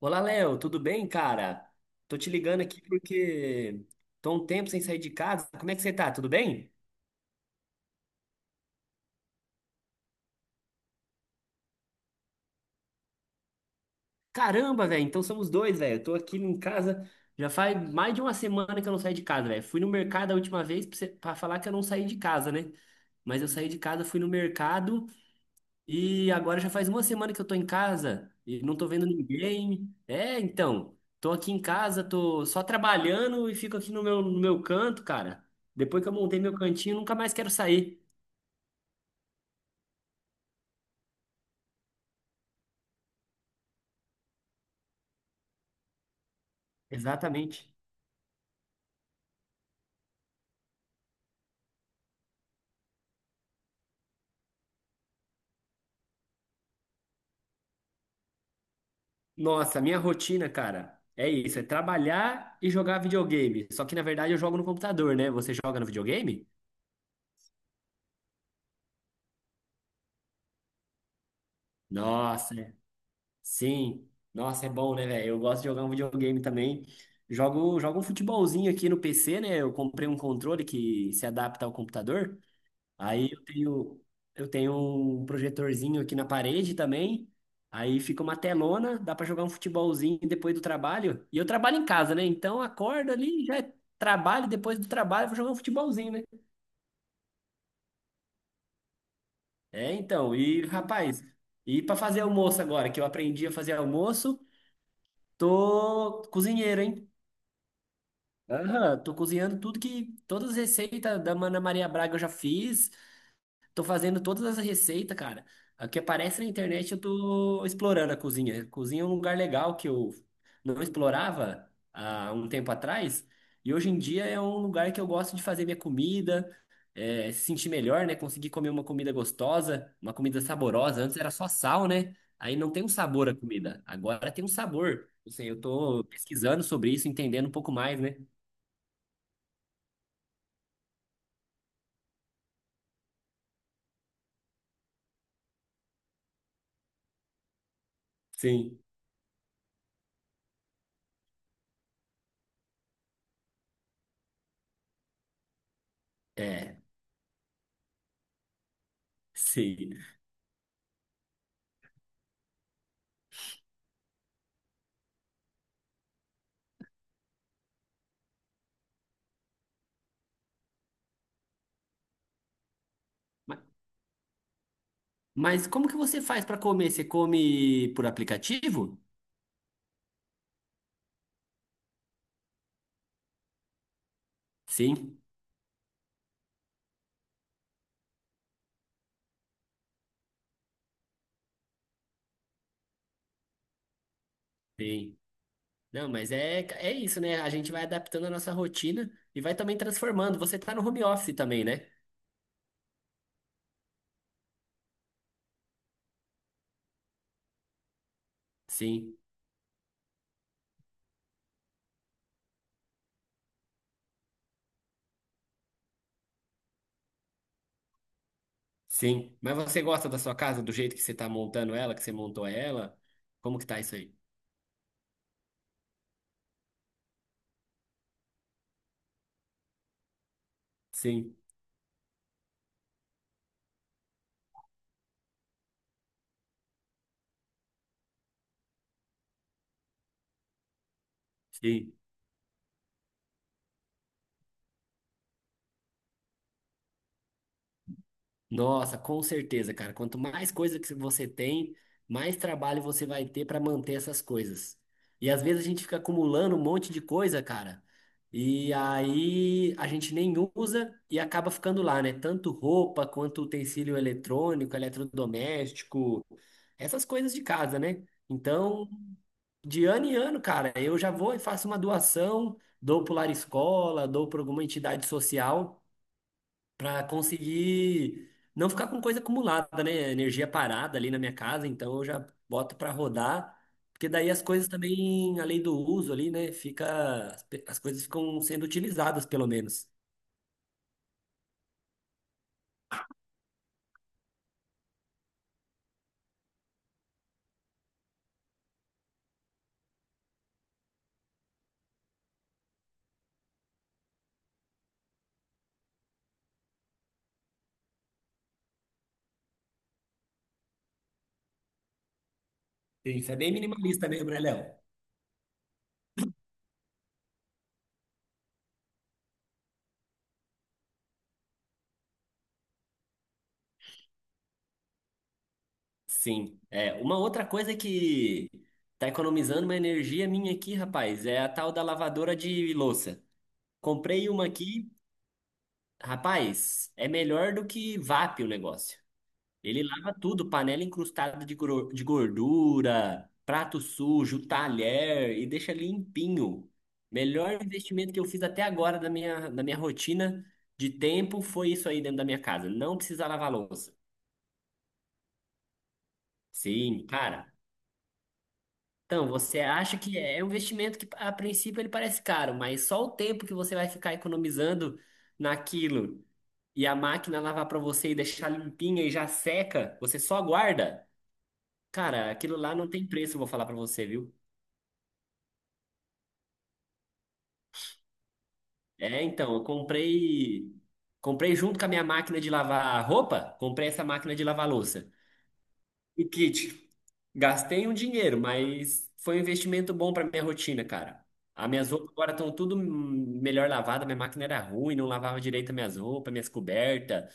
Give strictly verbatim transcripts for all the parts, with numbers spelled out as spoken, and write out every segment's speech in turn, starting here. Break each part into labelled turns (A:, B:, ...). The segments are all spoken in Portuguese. A: Olá, Léo, tudo bem, cara? Tô te ligando aqui porque tô um tempo sem sair de casa. Como é que você tá? Tudo bem? Caramba, velho, então somos dois, velho. Eu tô aqui em casa já faz mais de uma semana que eu não saio de casa, velho. Fui no mercado a última vez pra, você- pra falar que eu não saí de casa, né? Mas eu saí de casa, fui no mercado e agora já faz uma semana que eu tô em casa e não tô vendo ninguém. É, então, tô aqui em casa, tô só trabalhando e fico aqui no meu, no meu canto, cara. Depois que eu montei meu cantinho, nunca mais quero sair. Exatamente. Nossa, minha rotina, cara, é isso, é trabalhar e jogar videogame. Só que na verdade eu jogo no computador, né? Você joga no videogame? Nossa, é- sim. Nossa, é bom, né, velho? Eu gosto de jogar um videogame também. Jogo, jogo um futebolzinho aqui no P C, né? Eu comprei um controle que se adapta ao computador. Aí eu tenho, eu tenho um projetorzinho aqui na parede também. Aí fica uma telona, dá para jogar um futebolzinho depois do trabalho. E eu trabalho em casa, né? Então acorda ali, já é trabalho, depois do trabalho eu vou jogar um futebolzinho, né? É, então, e rapaz, e para fazer almoço agora, que eu aprendi a fazer almoço, tô cozinheiro, hein? Aham, tô cozinhando tudo que todas as receitas da Mana Maria Braga eu já fiz. Tô fazendo todas as receitas, cara. O que aparece na internet, eu tô explorando a cozinha. Cozinha é um lugar legal que eu não explorava há um tempo atrás. E hoje em dia é um lugar que eu gosto de fazer minha comida, é, se sentir melhor, né? Conseguir comer uma comida gostosa, uma comida saborosa. Antes era só sal, né? Aí não tem um sabor a comida. Agora tem um sabor. Não sei, eu tô pesquisando sobre isso, entendendo um pouco mais, né? Sim, é, sim. Mas como que você faz para comer? Você come por aplicativo? Sim, sim. Não, mas é, é isso, né? A gente vai adaptando a nossa rotina e vai também transformando. Você tá no home office também, né? Sim, sim. Mas você gosta da sua casa, do jeito que você tá montando ela, que você montou ela? Como que tá isso aí? Sim, sim. Nossa, com certeza, cara. Quanto mais coisa que você tem, mais trabalho você vai ter para manter essas coisas. E às vezes a gente fica acumulando um monte de coisa, cara. E aí a gente nem usa e acaba ficando lá, né? Tanto roupa quanto utensílio eletrônico, eletrodoméstico, essas coisas de casa, né? Então, de ano em ano, cara, eu já vou e faço uma doação, dou para o Lar Escola, dou para alguma entidade social para conseguir não ficar com coisa acumulada, né? Energia parada ali na minha casa, então eu já boto para rodar, porque daí as coisas também, além do uso ali, né, fica as pe- as coisas ficam sendo utilizadas pelo menos. Sim. Isso é bem minimalista mesmo, né, Léo? Sim. É, uma outra coisa que tá economizando uma energia minha aqui, rapaz, é a tal da lavadora de louça. Comprei uma aqui, rapaz, é melhor do que VAP o negócio. Ele lava tudo, panela incrustada de gro- de gordura, prato sujo, talher e deixa limpinho. Melhor investimento que eu fiz até agora da minha, da minha rotina de tempo foi isso aí dentro da minha casa. Não precisa lavar louça. Sim, cara. Então, você acha que é um investimento que a princípio ele parece caro, mas só o tempo que você vai ficar economizando naquilo e a máquina lavar para você e deixar limpinha e já seca, você só guarda. Cara, aquilo lá não tem preço, eu vou falar pra você, viu? É, então, eu comprei, comprei junto com a minha máquina de lavar roupa, comprei essa máquina de lavar louça. O kit. Gastei um dinheiro, mas foi um investimento bom pra minha rotina, cara. As minhas roupas agora estão tudo hum, melhor lavadas, minha máquina era ruim, não lavava direito as minhas roupas, minhas cobertas,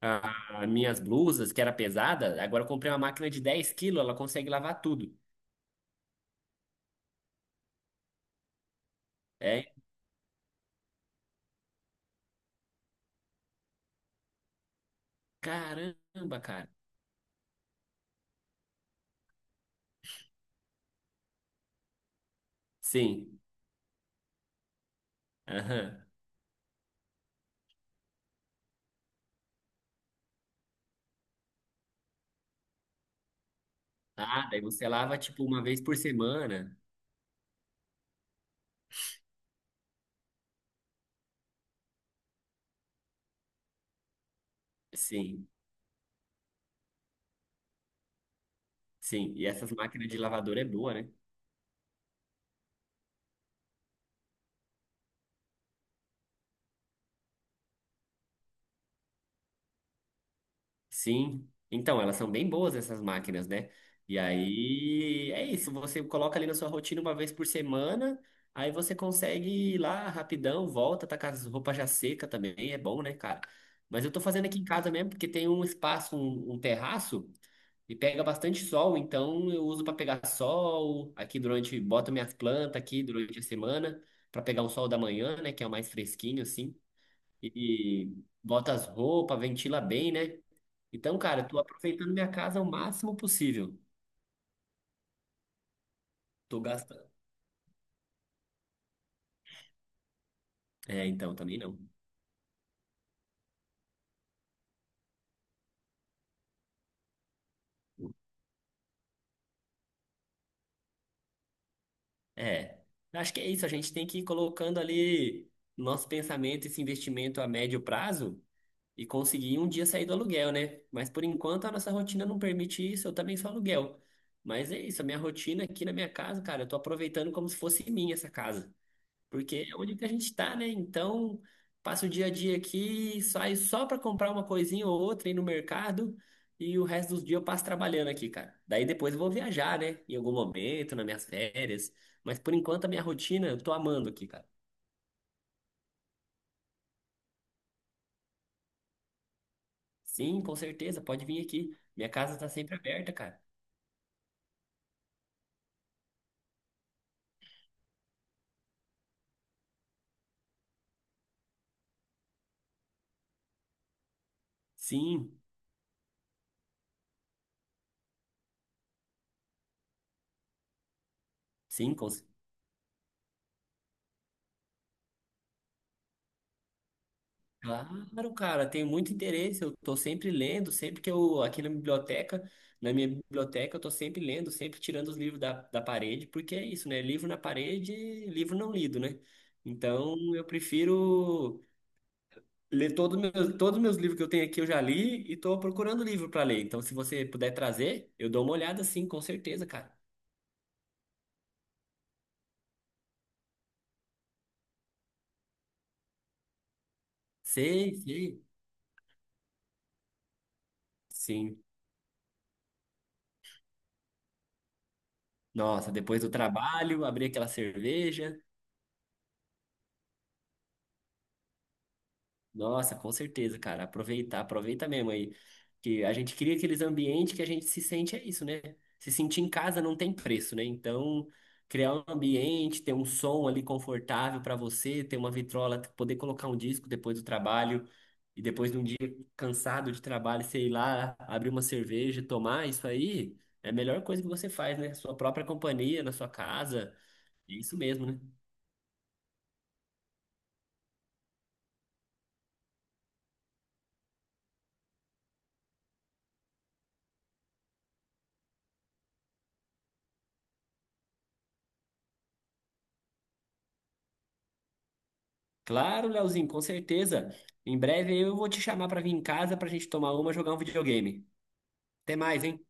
A: a- as minhas blusas, que era pesada. Agora eu comprei uma máquina de dez quilos, ela consegue lavar tudo. É, caramba, cara. Sim. Aham. Ah, daí você lava tipo uma vez por semana. Sim, sim. E essas máquinas de lavadora é boa, né? Sim. Então, elas são bem boas essas máquinas, né? E aí é isso, você coloca ali na sua rotina uma vez por semana, aí você consegue ir lá rapidão, volta, tá com as roupas já seca também, é bom, né, cara? Mas eu tô fazendo aqui em casa mesmo, porque tem um espaço, um, um terraço. E pega bastante sol, então eu uso para pegar sol aqui durante, boto minhas plantas aqui durante a semana para pegar o sol da manhã, né, que é o mais fresquinho assim. E bota as roupas, ventila bem, né? Então, cara, eu tô aproveitando minha casa o máximo possível. Tô gastando. É, então também não. É. Acho que é isso, a gente tem que ir colocando ali no nosso pensamento esse investimento a médio prazo e conseguir um dia sair do aluguel, né? Mas por enquanto a nossa rotina não permite isso, eu também sou aluguel. Mas é isso, a minha rotina aqui na minha casa, cara, eu tô aproveitando como se fosse minha essa casa, porque é onde que a gente tá, né? Então, passo o dia a dia aqui, saio só pra comprar uma coisinha ou outra, ir no mercado, e o resto dos dias eu passo trabalhando aqui, cara. Daí depois eu vou viajar, né? Em algum momento, nas minhas férias. Mas por enquanto a minha rotina, eu tô amando aqui, cara. Sim, com certeza, pode vir aqui. Minha casa tá sempre aberta, cara. Sim. Sim, com... cer- claro, cara, tenho muito interesse. Eu tô sempre lendo, sempre que eu, aqui na biblioteca, na minha biblioteca, eu tô sempre lendo, sempre tirando os livros da, da parede, porque é isso, né? Livro na parede, livro não lido, né? Então, eu prefiro ler todos meus, todos os meus livros que eu tenho aqui, eu já li e tô procurando livro para ler. Então, se você puder trazer, eu dou uma olhada, sim, com certeza, cara. Sei, sei. Sim. Nossa, depois do trabalho, abrir aquela cerveja. Nossa, com certeza, cara. Aproveitar, aproveita mesmo aí. Que a gente cria aqueles ambientes que a gente se sente, é isso, né? Se sentir em casa não tem preço, né? Então, criar um ambiente, ter um som ali confortável para você, ter uma vitrola, poder colocar um disco depois do trabalho e depois de um dia cansado de trabalho, sei lá, abrir uma cerveja, tomar isso aí, é a melhor coisa que você faz, né? Sua própria companhia, na sua casa. É isso mesmo, né? Claro, Leozinho, com certeza. Em breve eu vou te chamar pra vir em casa pra gente tomar uma, jogar um videogame. Até mais, hein?